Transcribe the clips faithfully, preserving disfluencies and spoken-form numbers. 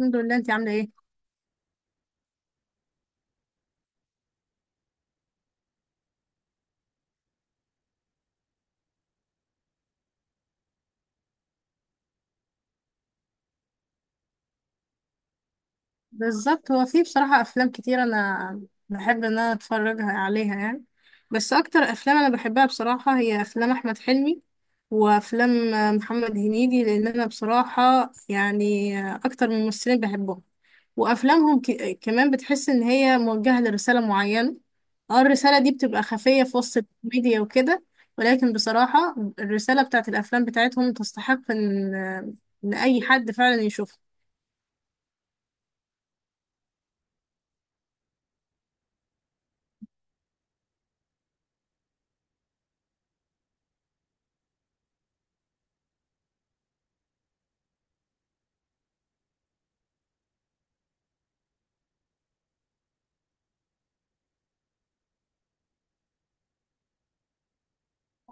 الحمد لله، انت عامله ايه؟ بالظبط هو في بصراحه افلام كتير انا بحب ان انا اتفرجها عليها يعني. بس اكتر افلام انا بحبها بصراحه هي افلام احمد حلمي وافلام محمد هنيدي، لان انا بصراحه يعني اكتر من ممثلين بحبهم وافلامهم. ك... كمان بتحس ان هي موجهه لرساله معينه. اه، الرساله دي بتبقى خفيه في وسط الكوميديا وكده. ولكن بصراحه الرساله بتاعت الافلام بتاعتهم تستحق ان ان اي حد فعلا يشوفها.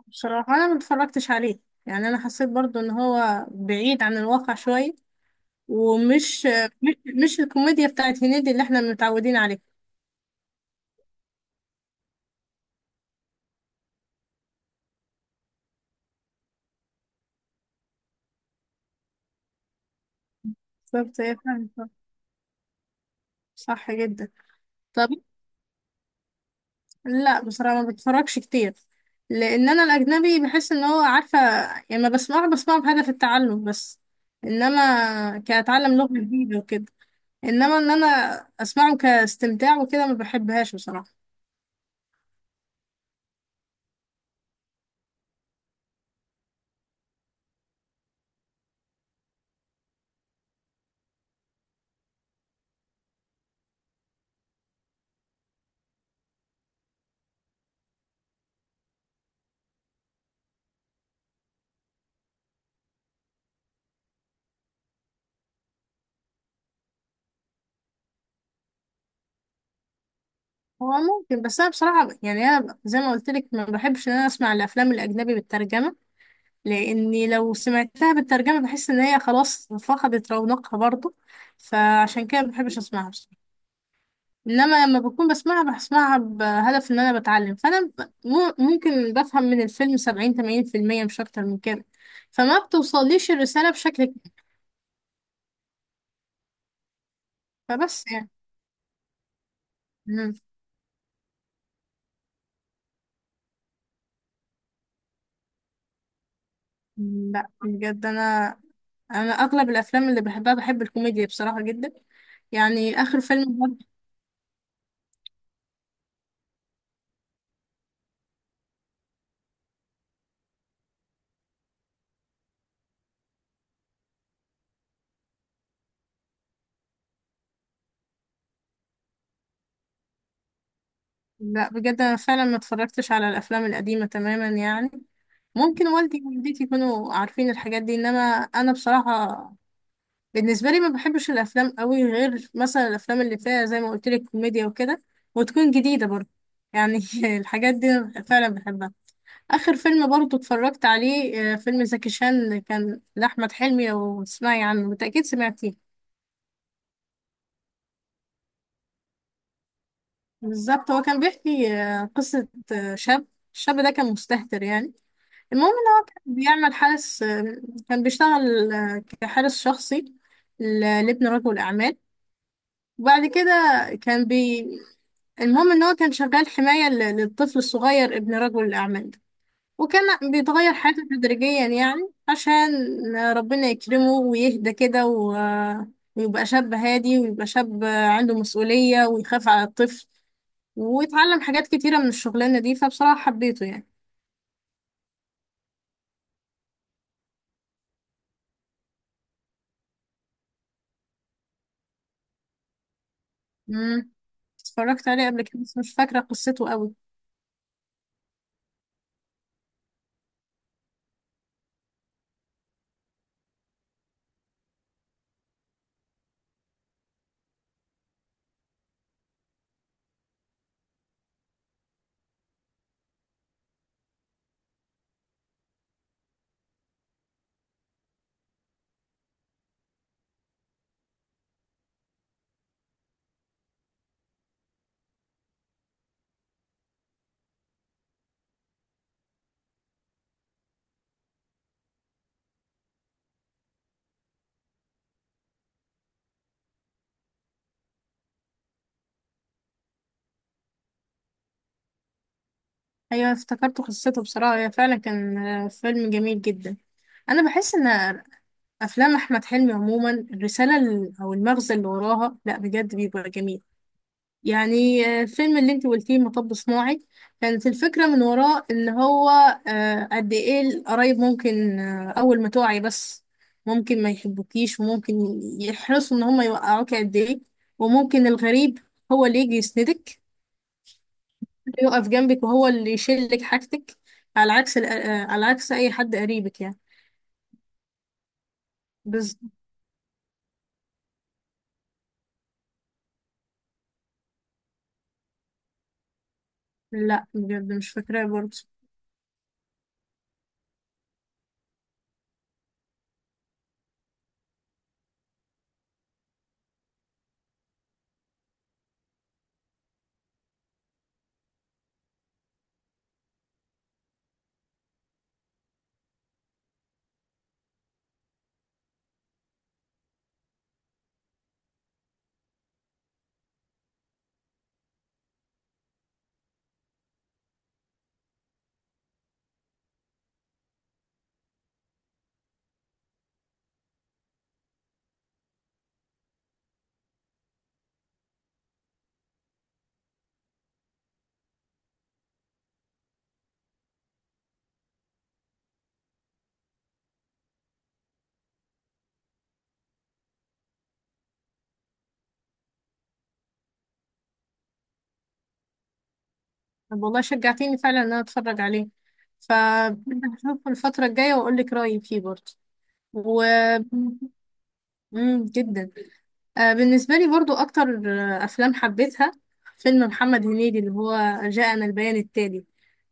بصراحة أنا ما اتفرجتش عليه. يعني أنا حسيت برضو إن هو بعيد عن الواقع شوية. ومش مش, مش الكوميديا بتاعت هنيدي اللي احنا متعودين عليها. بالظبط هي فعلا صح. صح جدا. طب، لا بصراحة ما بتفرجش كتير. لأن أنا الأجنبي بحس إن هو عارفة، يعني ما بسمعه بسمعه بهدف التعلم بس. إنما كأتعلم لغة جديدة وكده. إنما إن أنا أسمعه كاستمتاع وكده ما بحبهاش بصراحة. هو ممكن، بس انا بصراحه يعني انا زي ما قلت لك ما بحبش ان انا اسمع الافلام الاجنبي بالترجمه. لاني لو سمعتها بالترجمه بحس ان هي خلاص فقدت رونقها برضو. فعشان كده ما بحبش اسمعها بصراحه. انما لما بكون بسمعها بسمعها بهدف ان انا بتعلم. فانا ب- مو- ممكن بفهم من الفيلم سبعين ثمانين في المية مش اكتر من كده. فما بتوصليش الرساله بشكل كبير. فبس يعني. مم. لا، بجد انا انا اغلب الافلام اللي بحبها بحب الكوميديا بصراحه جدا. يعني اخر فيلم برضه- لا، بجد انا فعلا ما اتفرجتش على الافلام القديمه تماما يعني. ممكن والدي ووالدتي يكونوا عارفين الحاجات دي، انما انا بصراحه بالنسبه لي ما بحبش الافلام قوي غير مثلا الافلام اللي فيها زي ما قلت لك كوميديا وكده، وتكون جديده برضه. يعني الحاجات دي أنا فعلا بحبها. اخر فيلم برضه اتفرجت عليه آه، فيلم زكي شان كان لاحمد حلمي، لو تسمعي عنه بالتاكيد سمعتيه. بالظبط هو كان بيحكي آه، قصة آه، شاب. الشاب ده كان مستهتر يعني. المهم ان هو كان بيعمل حارس، آه، كان بيشتغل آه، كحارس شخصي ل- لابن رجل أعمال. وبعد كده كان بي المهم ان هو كان شغال حماية ل- للطفل الصغير ابن رجل الأعمال ده. وكان بيتغير حياته تدريجيا يعني عشان ربنا يكرمه ويهدى كده، و... ويبقى شاب هادي ويبقى شاب عنده مسؤولية ويخاف على الطفل. واتعلم حاجات كتيرة من الشغلانة دي. فبصراحة حبيته يعني. امم اتفرجت عليه قبل كده بس مش فاكرة قصته قوي. ايوه افتكرت قصته، بصراحة هي فعلا كان آه، فيلم جميل جدا. انا بحس ان افلام احمد حلمي عموما الرسالة ال- او المغزى اللي وراها لا بجد بيبقى جميل. يعني آه، الفيلم اللي انت قلتيه مطب صناعي. كانت الفكرة من وراه ان هو آه، قد ايه القرايب ممكن، آه، اول ما توعي بس ممكن ما يحبوكيش وممكن يحرصوا ان هم يوقعوك قد ايه. وممكن الغريب هو اللي يجي يسندك، اللي يقف جنبك وهو اللي يشيلك حاجتك. على عكس ال- آه، على عكس اي حد قريبك يعني. بس لا، بجد مش فاكراه برضه. طب والله شجعتيني فعلا ان انا اتفرج عليه. فهشوف الفترة الجاية واقول لك رأيي فيه برضه. و مم، جدا. آه، بالنسبة لي برضو أكتر آه، أفلام حبيتها فيلم محمد هنيدي اللي هو جاءنا البيان التالي،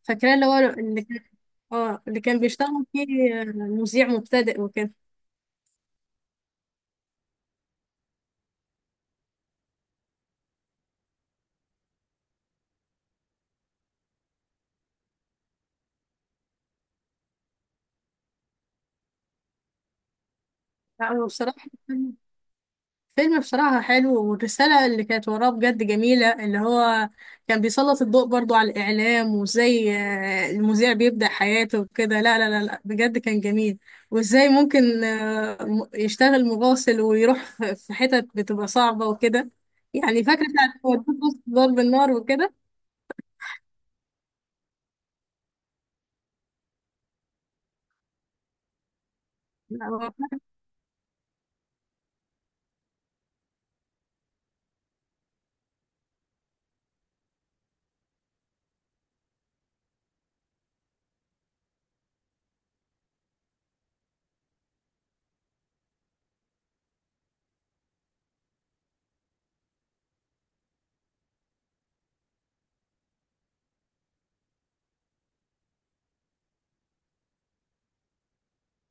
فاكراه اللي هو اللي كان. اه، اللي كان بيشتغل فيه آه، مذيع مبتدئ وكده. لا هو بصراحة فيلم بصراحة حلو، والرسالة اللي كانت وراه بجد جميلة. اللي هو كان بيسلط الضوء برضو على الإعلام، وإزاي آه، المذيع بيبدأ حياته وكده. لا، لا، لا، لا، بجد كان جميل. وإزاي ممكن آه، م- يشتغل مراسل ويروح في في حتت بتبقى صعبة وكده. يعني فاكرة بتاعت ودوه وسط ضرب النار وكده. لا هو-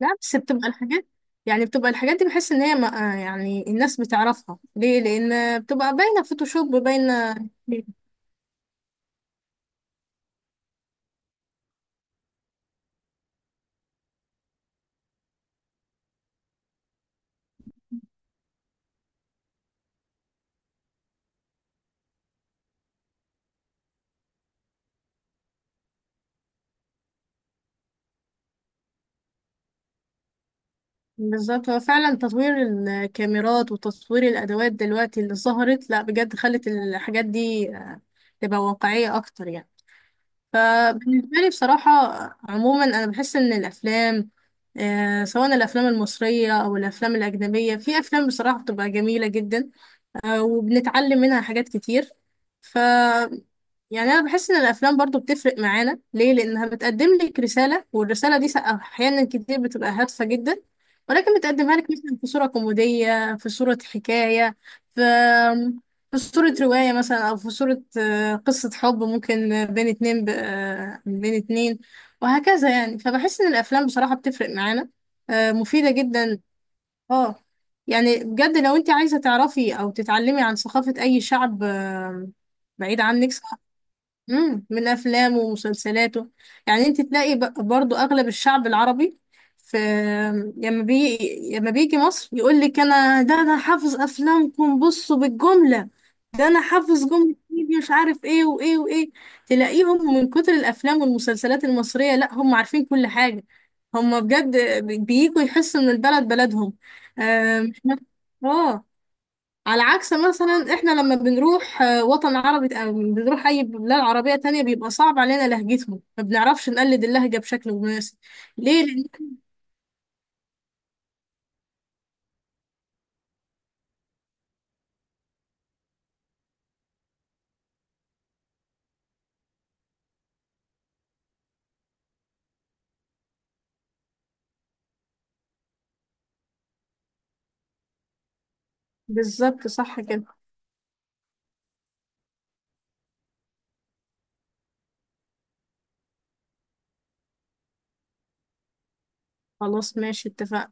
لا، بس بتبقى الحاجات. يعني بتبقى الحاجات دي بحس إن هي ما- آه، يعني الناس بتعرفها ليه؟ لأن بتبقى باينة فوتوشوب باينة. بالظبط هو فعلا تطوير الكاميرات وتطوير الأدوات دلوقتي اللي ظهرت لا بجد خلت الحاجات دي آه، تبقى واقعية أكتر يعني. فبالنسبة لي بصراحة آه، عموما أنا بحس إن الأفلام آه، سواء الأفلام المصرية أو الأفلام الأجنبية في أفلام بصراحة بتبقى جميلة جدا. آه، وبنتعلم منها حاجات كتير. ف يعني انا بحس ان الافلام برضو بتفرق معانا ليه لانها بتقدم لك رساله، والرساله دي سا- احيانا كتير بتبقى هادفه جدا. ولكن بتقدمها لك مثلا في صوره كوميديه، في صوره حكايه، في في صوره روايه مثلا، او في صوره آه، قصه حب ممكن بين اتنين ب... آه، بين اتنين. وهكذا يعني، فبحس ان الافلام بصراحه بتفرق معانا، آه، مفيده جدا. اه، يعني بجد لو انت عايزة تعرفي او تتعلمي عن ثقافة اي شعب آه، بعيد عنك، امم من افلامه ومسلسلاته. يعني انت تلاقي ب- برضو اغلب الشعب العربي، في لما بي لما بيجي مصر يقول لك: انا ده انا حافظ افلامكم بصوا بالجمله. ده انا حافظ جمله، إيه مش عارف ايه وايه وايه. تلاقيهم من كتر الافلام والمسلسلات المصريه، لا هم عارفين كل حاجه. هم بجد بييجوا يحسوا ان البلد بلدهم. آه، مش مف- اه. على عكس مثلا احنا لما بنروح آه، وطن عربي أو بنروح اي بلاد عربية تانية، بيبقى صعب علينا لهجتهم، ما بنعرفش نقلد اللهجة بشكل مناسب. ليه لأن- بالظبط صح كده. خلاص ماشي، اتفقنا.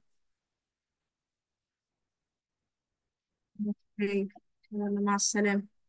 أوكي. يلا مع السلامة.